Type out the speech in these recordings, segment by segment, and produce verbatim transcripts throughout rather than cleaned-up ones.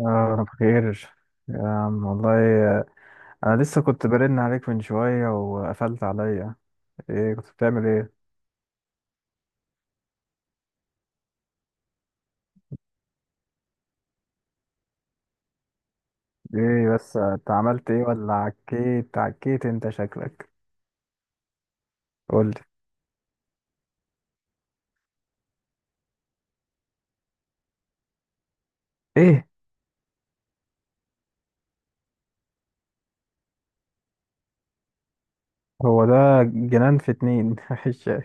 آه. أنا بخير يا عم والله. آه، أنا لسه كنت برن عليك من شوية وقفلت عليا. إيه كنت بتعمل إيه؟ إيه بس آه، أنت عملت إيه، ولا عكيت عكيت أنت شكلك؟ قولي. إيه، هو ده. جنان في اتنين مفيش شيء.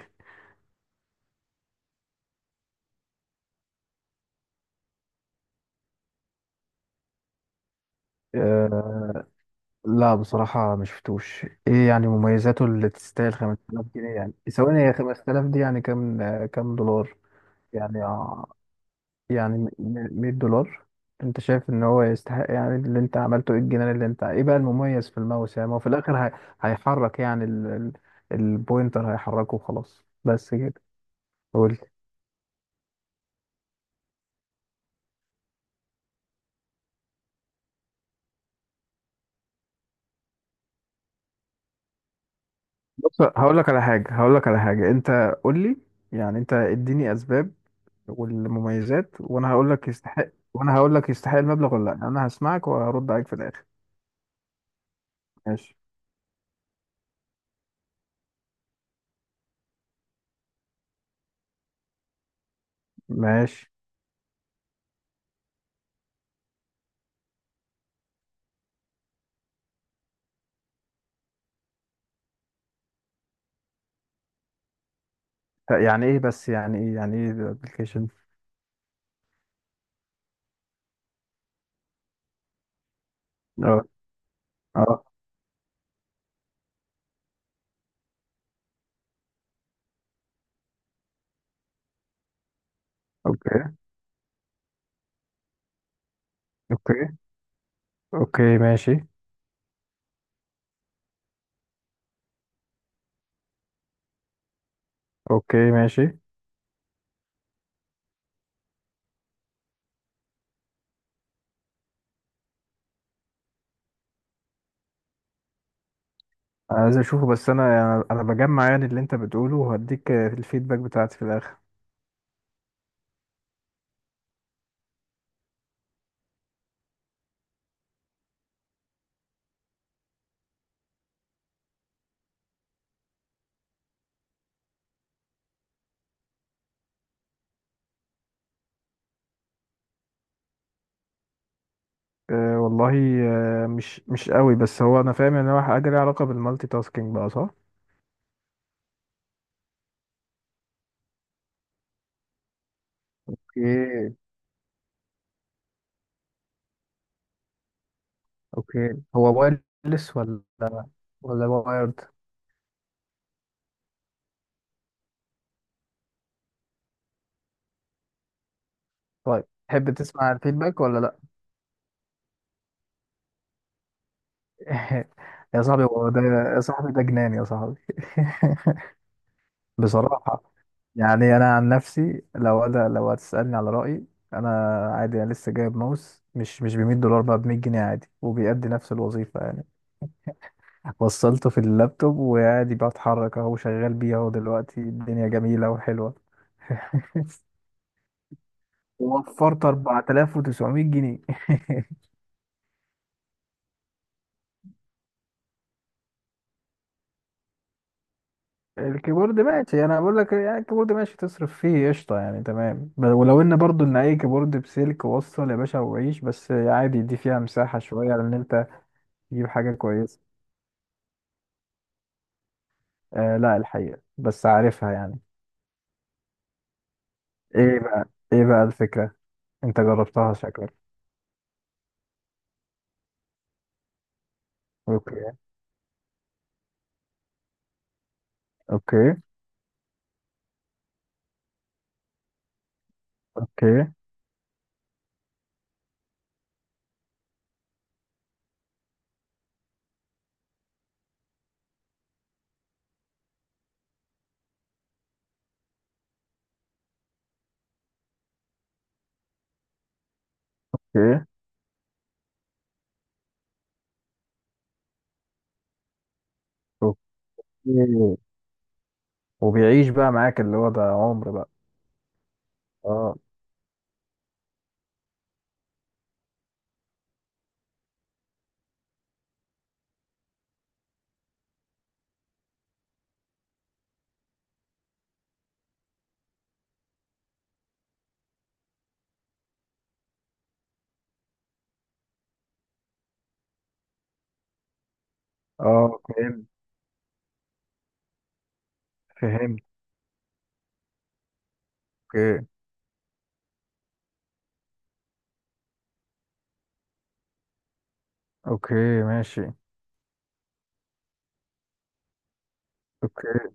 آه لا، بصراحة ما شفتوش إيه يعني مميزاته اللي تستاهل خمسة آلاف جنيه. يعني ثواني، هي خمس آلاف دي يعني كام آه، كام دولار؟ يعني يعني م- م- مية دولار. انت شايف ان هو يستحق؟ يعني اللي انت عملته ايه الجنان، اللي انت ايه بقى المميز في الماوس؟ يعني ما هو في الاخر، هي، هيحرك يعني ال... ال... البوينتر هيحركه وخلاص بس كده. قول لي. بص، هقول لك على حاجة هقول لك على حاجة انت. قول لي. يعني انت اديني اسباب والمميزات، وانا هقول لك يستحق، وانا هقول لك يستحق المبلغ ولا لا. انا هسمعك وهرد عليك في الاخر. ماشي، ماشي. ف- يعني ايه، بس يعني ايه يعني ايه الابلكيشن؟ اه، اه. اوكي، اوكي، اوكي، ماشي. اوكي، ماشي. عايز اشوفه، بس انا يعني انا بجمع يعني اللي انت بتقوله، وهديك آه، الفيدباك بتاعتي في الاخر. أه والله. أه، مش مش قوي، بس هو انا فاهم ان هو حاجه ليها علاقه بالمالتي تاسكينج بقى، صح؟ اوكي، اوكي. هو وايرلس ولا ولا وايرد؟ طيب، تحب تسمع الفيدباك ولا لا؟ يا صاحبي، هو ده. يا صاحبي، ده جنان يا صاحبي. بصراحة، يعني انا عن نفسي لو انا لو هتسالني على رايي، انا. عادي، انا لسه جايب ماوس مش مش ب مية دولار، بقى ب مية جنيه عادي، وبيأدي نفس الوظيفه يعني. وصلته في اللابتوب وعادي بتحرك، اهو شغال بيه اهو، دلوقتي الدنيا جميله وحلوه. ووفرت أربعة آلاف وتسعمائة جنيه. الكيبورد ماشي، انا بقول لك يعني الكيبورد ماشي، تصرف فيه قشطه يعني، تمام. ب- ولو ان برضو ان اي كيبورد بسلك، وصل يا باشا وعيش، بس عادي، دي فيها مساحه شويه لان انت تجيب حاجه كويسه. آه لا، الحقيقة بس عارفها يعني. ايه بقى ايه بقى الفكرة؟ انت جربتها شكلك. اوكي اوكي، اوكي. اوكي، اوكي. وبيعيش بقى معاك، اللي هو ده عمر بقى؟ اه، اه، فهمت، فهمت. اوكي، اوكي، ماشي. اوكي،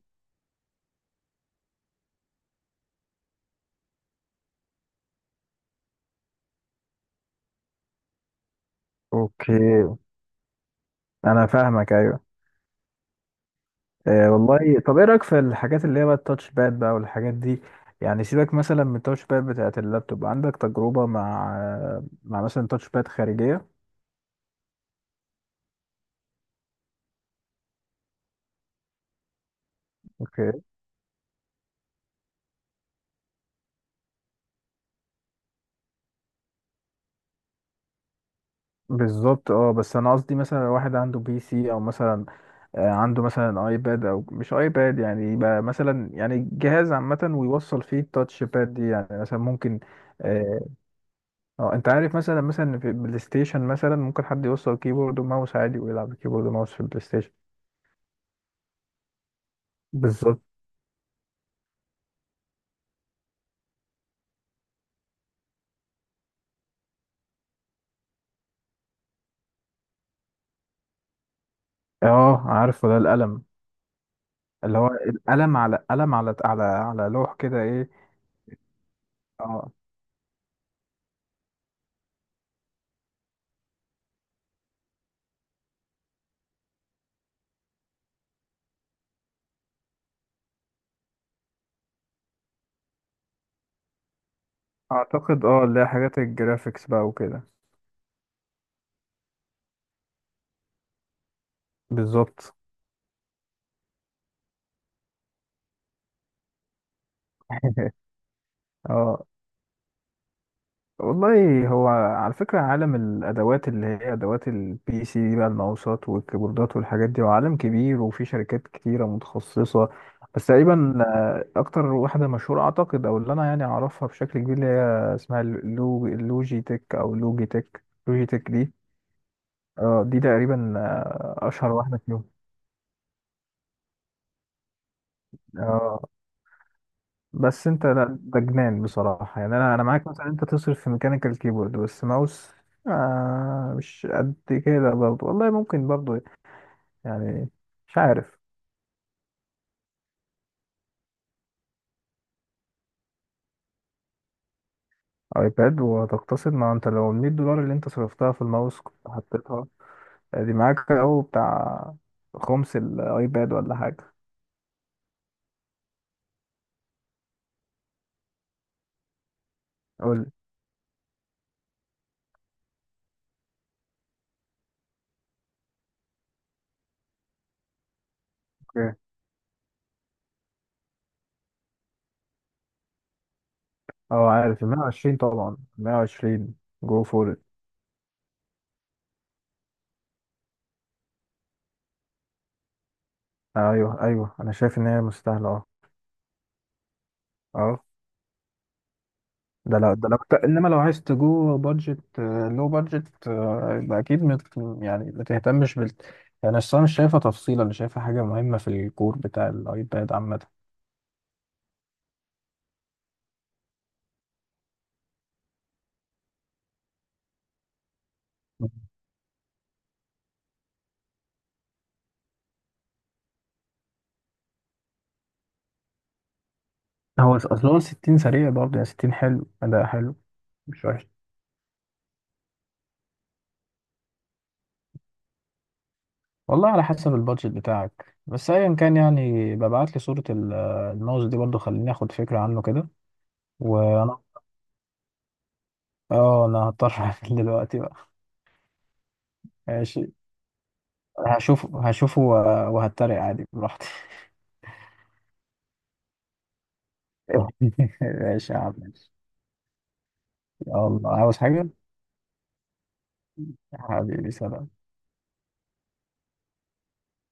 اوكي، انا فاهمك. ايوه. آه والله. طب ايه رايك في الحاجات اللي هي بقى التاتش باد بقى والحاجات دي؟ يعني سيبك مثلا من التاتش باد بتاعت اللابتوب، عندك تجربة مع مع مثلا تاتش باد خارجية؟ اوكي. بالظبط. اه بس انا قصدي مثلا لو واحد عنده بي سي، او مثلا آه، عنده مثلا ايباد، او مش ايباد يعني، يبقى مثلا يعني جهاز عامه، ويوصل فيه التاتش باد دي يعني مثلا ممكن. اه. آه، انت عارف مثلا مثلا في البلاي ستيشن مثلا ممكن حد يوصل كيبورد وماوس عادي، ويلعب كيبورد وماوس في البلاي ستيشن. بالظبط. اه عارفه، ده القلم، اللي هو القلم على قلم على على على لوح كده، ايه. اه، اعتقد اه اللي هي حاجات الجرافيكس بقى وكده. بالظبط. اه والله، هو على فكرة عالم الأدوات اللي هي أدوات البي سي دي بقى، الماوسات والكيبوردات والحاجات دي، هو عالم كبير وفي شركات كتيرة متخصصة، بس تقريبا آه، أكتر واحدة مشهورة أعتقد، أو اللي أنا يعني أعرفها بشكل كبير، اللي هي اسمها اللو- اللوجي تك، أو لوجي تك لوجي تك دي. آه، دي تقريبا آه، أشهر واحدة فيهم. آه. بس انت، لا ده جنان بصراحة، يعني انا انا معاك مثلا انت تصرف في ميكانيكال كيبورد، بس ماوس؟ آه مش قد كده برضه، والله ممكن برضه يعني، مش عارف. ايباد وهتقتصد؟ ما انت لو ال مية دولار اللي انت صرفتها في الماوس كنت حطيتها دي معاك، او بتاع خمس الايباد ولا حاجة. قول. اوكي. اه، عارف ال مية وعشرين طبعا، مية وعشرين جو فور. ايوه، ايوه، انا شايف ان هي مستاهلة اه. اه، ده لو، ده لو انما لو عايز تجو بادجت، لو بادجت، يبقى اكيد مت. يعني ما تهتمش بال يعني. اصل انا مش شايفه تفصيله، انا شايفه حاجه مهمه في الكور بتاع الايباد عامه. هو أص- اصل هو ستين سريع برضه، يعني ستين حلو، اداء حلو، مش وحش. والله على حسب البادجت بتاعك، بس ايا كان يعني، ببعت لي صوره ال- آه، الماوس دي برضه، خليني اخد فكره عنه كده. وانا اه، انا هضطر اقفل دلوقتي بقى. ماشي. هشوف هشوفه و- وهتريق عادي براحتي. ماشي يا عم، ماشي. يلا، عاوز حاجة؟ حبيبي، سلام.